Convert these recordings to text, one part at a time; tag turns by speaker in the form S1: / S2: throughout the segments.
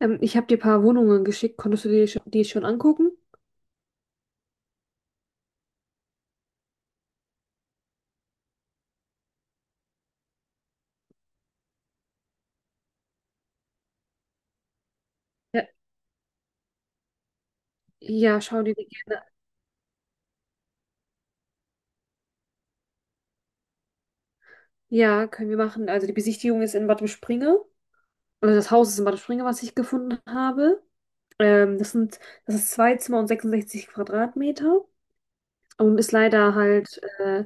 S1: Ich habe dir ein paar Wohnungen geschickt. Konntest du dir die schon angucken? Ja, ja, schau dir die gerne an. Ja, können wir machen. Also die Besichtigung ist in Bad Springe. Also das Haus ist in Bad Springe, was ich gefunden habe. Ähm, das sind, das ist zwei Zimmer und 66 Quadratmeter und ist leider halt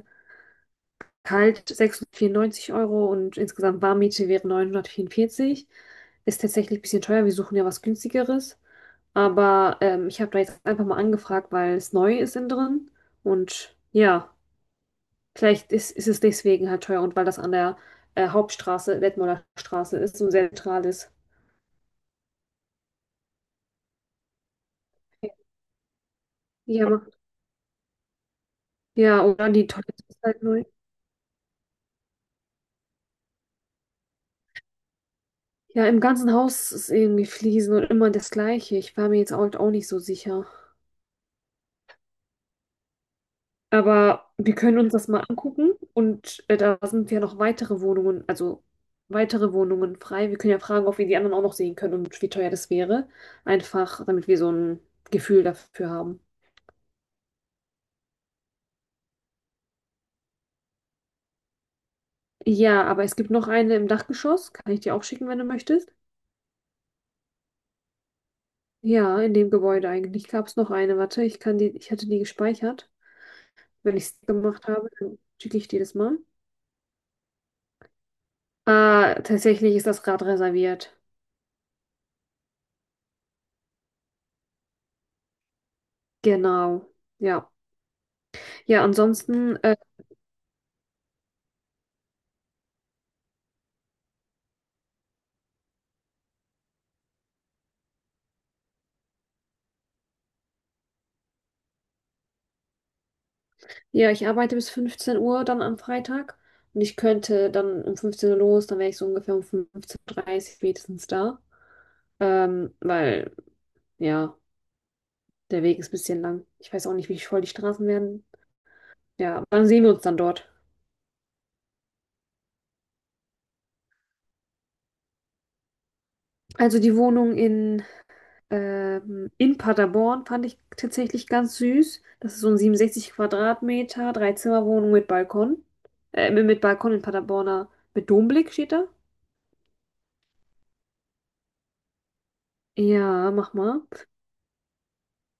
S1: kalt 694 € und insgesamt Warmmiete wäre 944. Ist tatsächlich ein bisschen teuer. Wir suchen ja was günstigeres. Aber ich habe da jetzt einfach mal angefragt, weil es neu ist innen drin. Und ja. Vielleicht ist es deswegen halt teuer und weil das an der Hauptstraße, Detmolder Straße ist und sehr zentral ist. Ja, ja, oder die Toilette ist halt neu. Ja, im ganzen Haus ist irgendwie Fliesen und immer das Gleiche. Ich war mir jetzt auch nicht so sicher. Aber wir können uns das mal angucken und da sind ja noch weitere Wohnungen, also weitere Wohnungen frei. Wir können ja fragen, ob wir die anderen auch noch sehen können und wie teuer das wäre. Einfach, damit wir so ein Gefühl dafür haben. Ja, aber es gibt noch eine im Dachgeschoss. Kann ich dir auch schicken, wenn du möchtest? Ja, in dem Gebäude eigentlich gab es noch eine. Warte, ich kann die, ich hatte die gespeichert. Wenn ich es gemacht habe, dann schicke ich dir das mal. Ah, tatsächlich ist das gerade reserviert. Genau. Ja. Ja, ansonsten, ja, ich arbeite bis 15 Uhr dann am Freitag. Und ich könnte dann um 15 Uhr los, dann wäre ich so ungefähr um 15:30 Uhr dreißig spätestens da. Ähm, weil, ja, der Weg ist ein bisschen lang. Ich weiß auch nicht, wie voll die Straßen werden. Ja, dann sehen wir uns dann dort. Also die Wohnung in Paderborn fand ich tatsächlich ganz süß. Das ist so ein 67 Quadratmeter Dreizimmerwohnung mit Balkon. Mit Balkon in Paderborner, mit Domblick steht da. Ja, mach mal.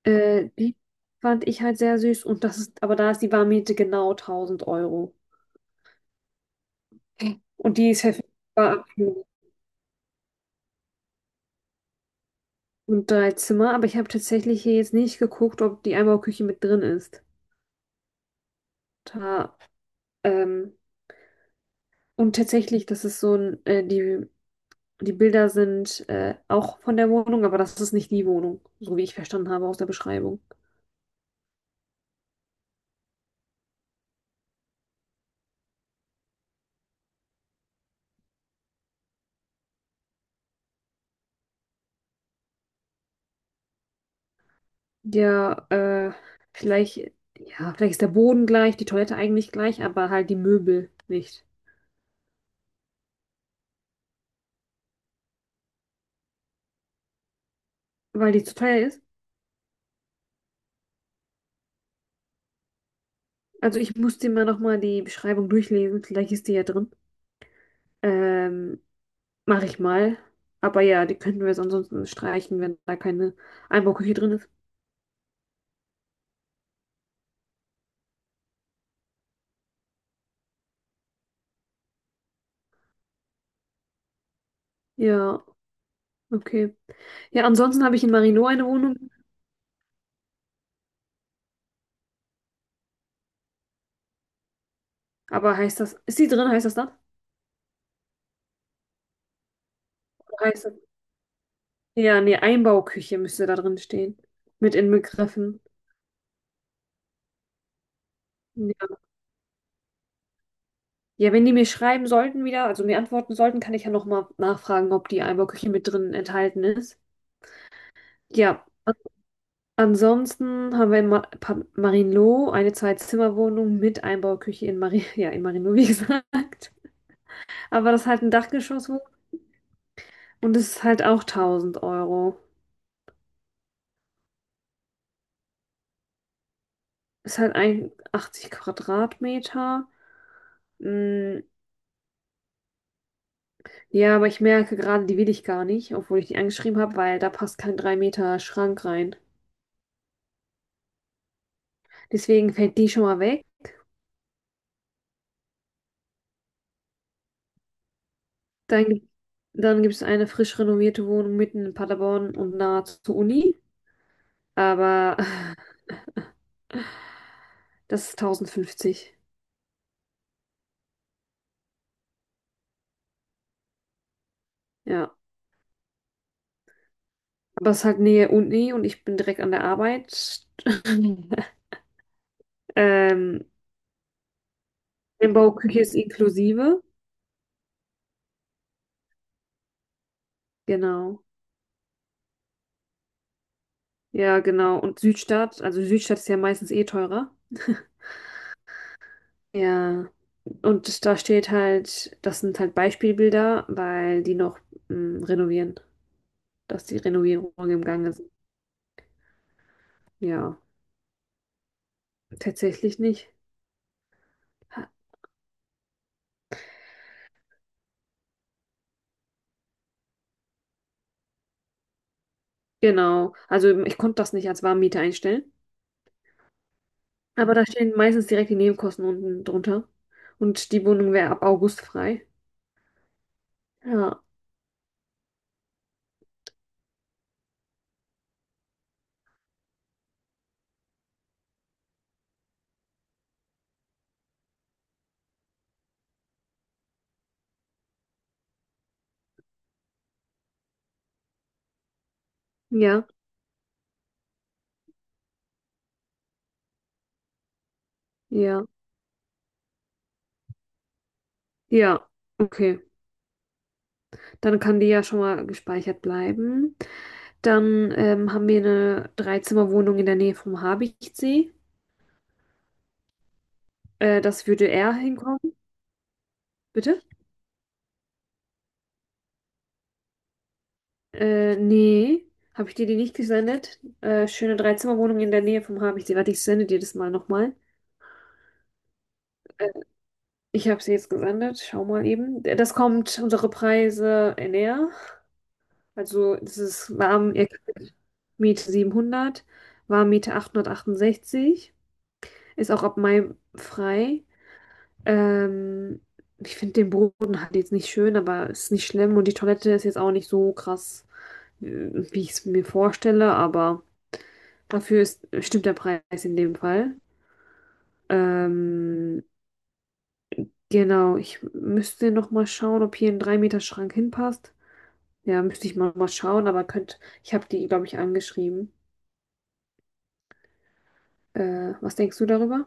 S1: Die fand ich halt sehr süß und aber da ist die Warmmiete genau 1000 Euro. Und die ist verfügbar und drei Zimmer, aber ich habe tatsächlich hier jetzt nicht geguckt, ob die Einbauküche mit drin ist. Da, ähm, Und tatsächlich, das ist die Bilder sind auch von der Wohnung, aber das ist nicht die Wohnung, so wie ich verstanden habe aus der Beschreibung. Ja, äh, vielleicht, ja, vielleicht ist der Boden gleich, die Toilette eigentlich gleich, aber halt die Möbel nicht, weil die zu teuer ist. Also ich muss dir mal nochmal die Beschreibung durchlesen, vielleicht ist die ja drin. Ähm, Mache ich mal. Aber ja, die könnten wir jetzt ansonsten streichen, wenn da keine Einbauküche drin ist. Ja, okay. Ja, ansonsten habe ich in Marino eine Wohnung. Aber heißt das, ist die drin, heißt das das? Heißt das? Ja, nee, Einbauküche müsste da drin stehen. Mit inbegriffen. Ja. Ja, wenn die mir schreiben sollten wieder, also mir antworten sollten, kann ich ja nochmal nachfragen, ob die Einbauküche mit drin enthalten ist. Ja, ansonsten haben wir in Marienloh eine Zwei-Zimmer-Wohnung mit Einbauküche in Mari ja, in Marienloh, wie gesagt. Aber das ist halt ein Dachgeschosswohnung und das ist halt auch tausend Euro. Ist halt ein 80 Quadratmeter. Mm. Ja, aber ich merke gerade, die will ich gar nicht, obwohl ich die angeschrieben habe, weil da passt kein 3 Meter Schrank rein. Deswegen fällt die schon mal weg. Dann, gibt- dann gibt es eine frisch renovierte Wohnung mitten in Paderborn und nahe zur Uni. Aber das ist 1.050. Ja. Aber es ist halt Nähe Uni und ich bin direkt an der Arbeit. Ähm, Einbauküche ist inklusive. Genau. Ja, genau. Und Südstadt, also Südstadt ist ja meistens eh teurer. Ja, und das, da steht halt, das sind halt Beispielbilder, weil die noch renovieren, dass die Renovierungen im Gange sind. Ja, tatsächlich nicht. Ha- Genau, also ich konnte das nicht als Warmmiete einstellen, aber da stehen meistens direkt die Nebenkosten unten drunter und die Wohnung wäre ab August frei. Ja, ja, ja, ja, okay. Dann kann die ja schon mal gespeichert bleiben. Dann haben wir eine Dreizimmerwohnung in der Nähe vom Habichtsee. Das würde er hinkommen. Bitte? Nee. Habe ich dir die nicht gesendet? Schöne Dreizimmerwohnung in der Nähe vom Habichtsee. Warte, ich sende dir das mal nochmal. Äh, Ich habe sie jetzt gesendet. Schau mal eben. Das kommt unsere Preise näher. Also, das ist warm, ihr kriegt Miete 700, Warmmiete 868. Ist auch ab Mai frei. Ähm, Ich finde den Boden halt jetzt nicht schön, aber ist nicht schlimm. Und die Toilette ist jetzt auch nicht so krass wie ich es mir vorstelle, aber stimmt der Preis in dem Fall. Ähm, genau, ich müsste noch mal schauen, ob hier ein 3 Meter Schrank hinpasst. Ja, müsste ich mal schauen, aber ich habe die, glaube ich, angeschrieben. Was denkst du darüber?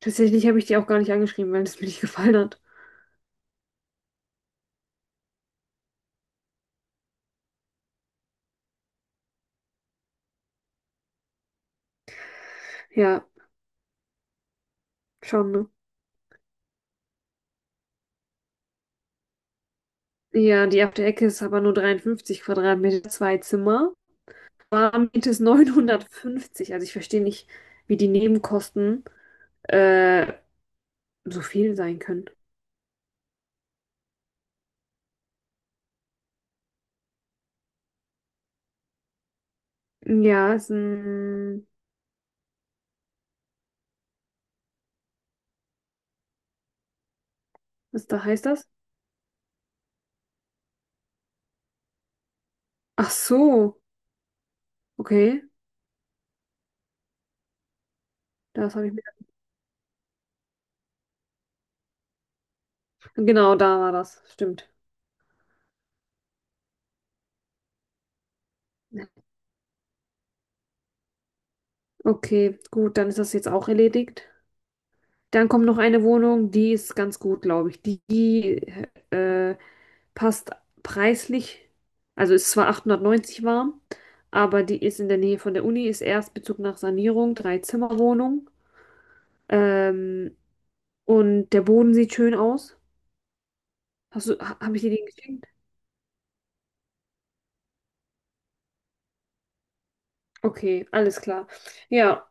S1: Tatsächlich habe ich die auch gar nicht angeschrieben, weil es mir nicht gefallen hat. Ja, schon, ne? Ja, die auf der Ecke ist aber nur 53 Quadratmeter, zwei Zimmer. Warmmiete ist 950. Also ich verstehe nicht, wie die Nebenkosten äh, so viel sein können. Ja, was da heißt das? Ach so, okay, das habe ich mir. Genau, da war das, stimmt. Okay, gut, dann ist das jetzt auch erledigt. Dann kommt noch eine Wohnung, die ist ganz gut, glaube ich. Die äh, passt preislich, also ist zwar 890 warm, aber die ist in der Nähe von der Uni, ist Erstbezug nach Sanierung, Drei-Zimmer-Wohnung. Ähm, und der Boden sieht schön aus. Habe ich dir den geschenkt? Okay, alles klar. Ja,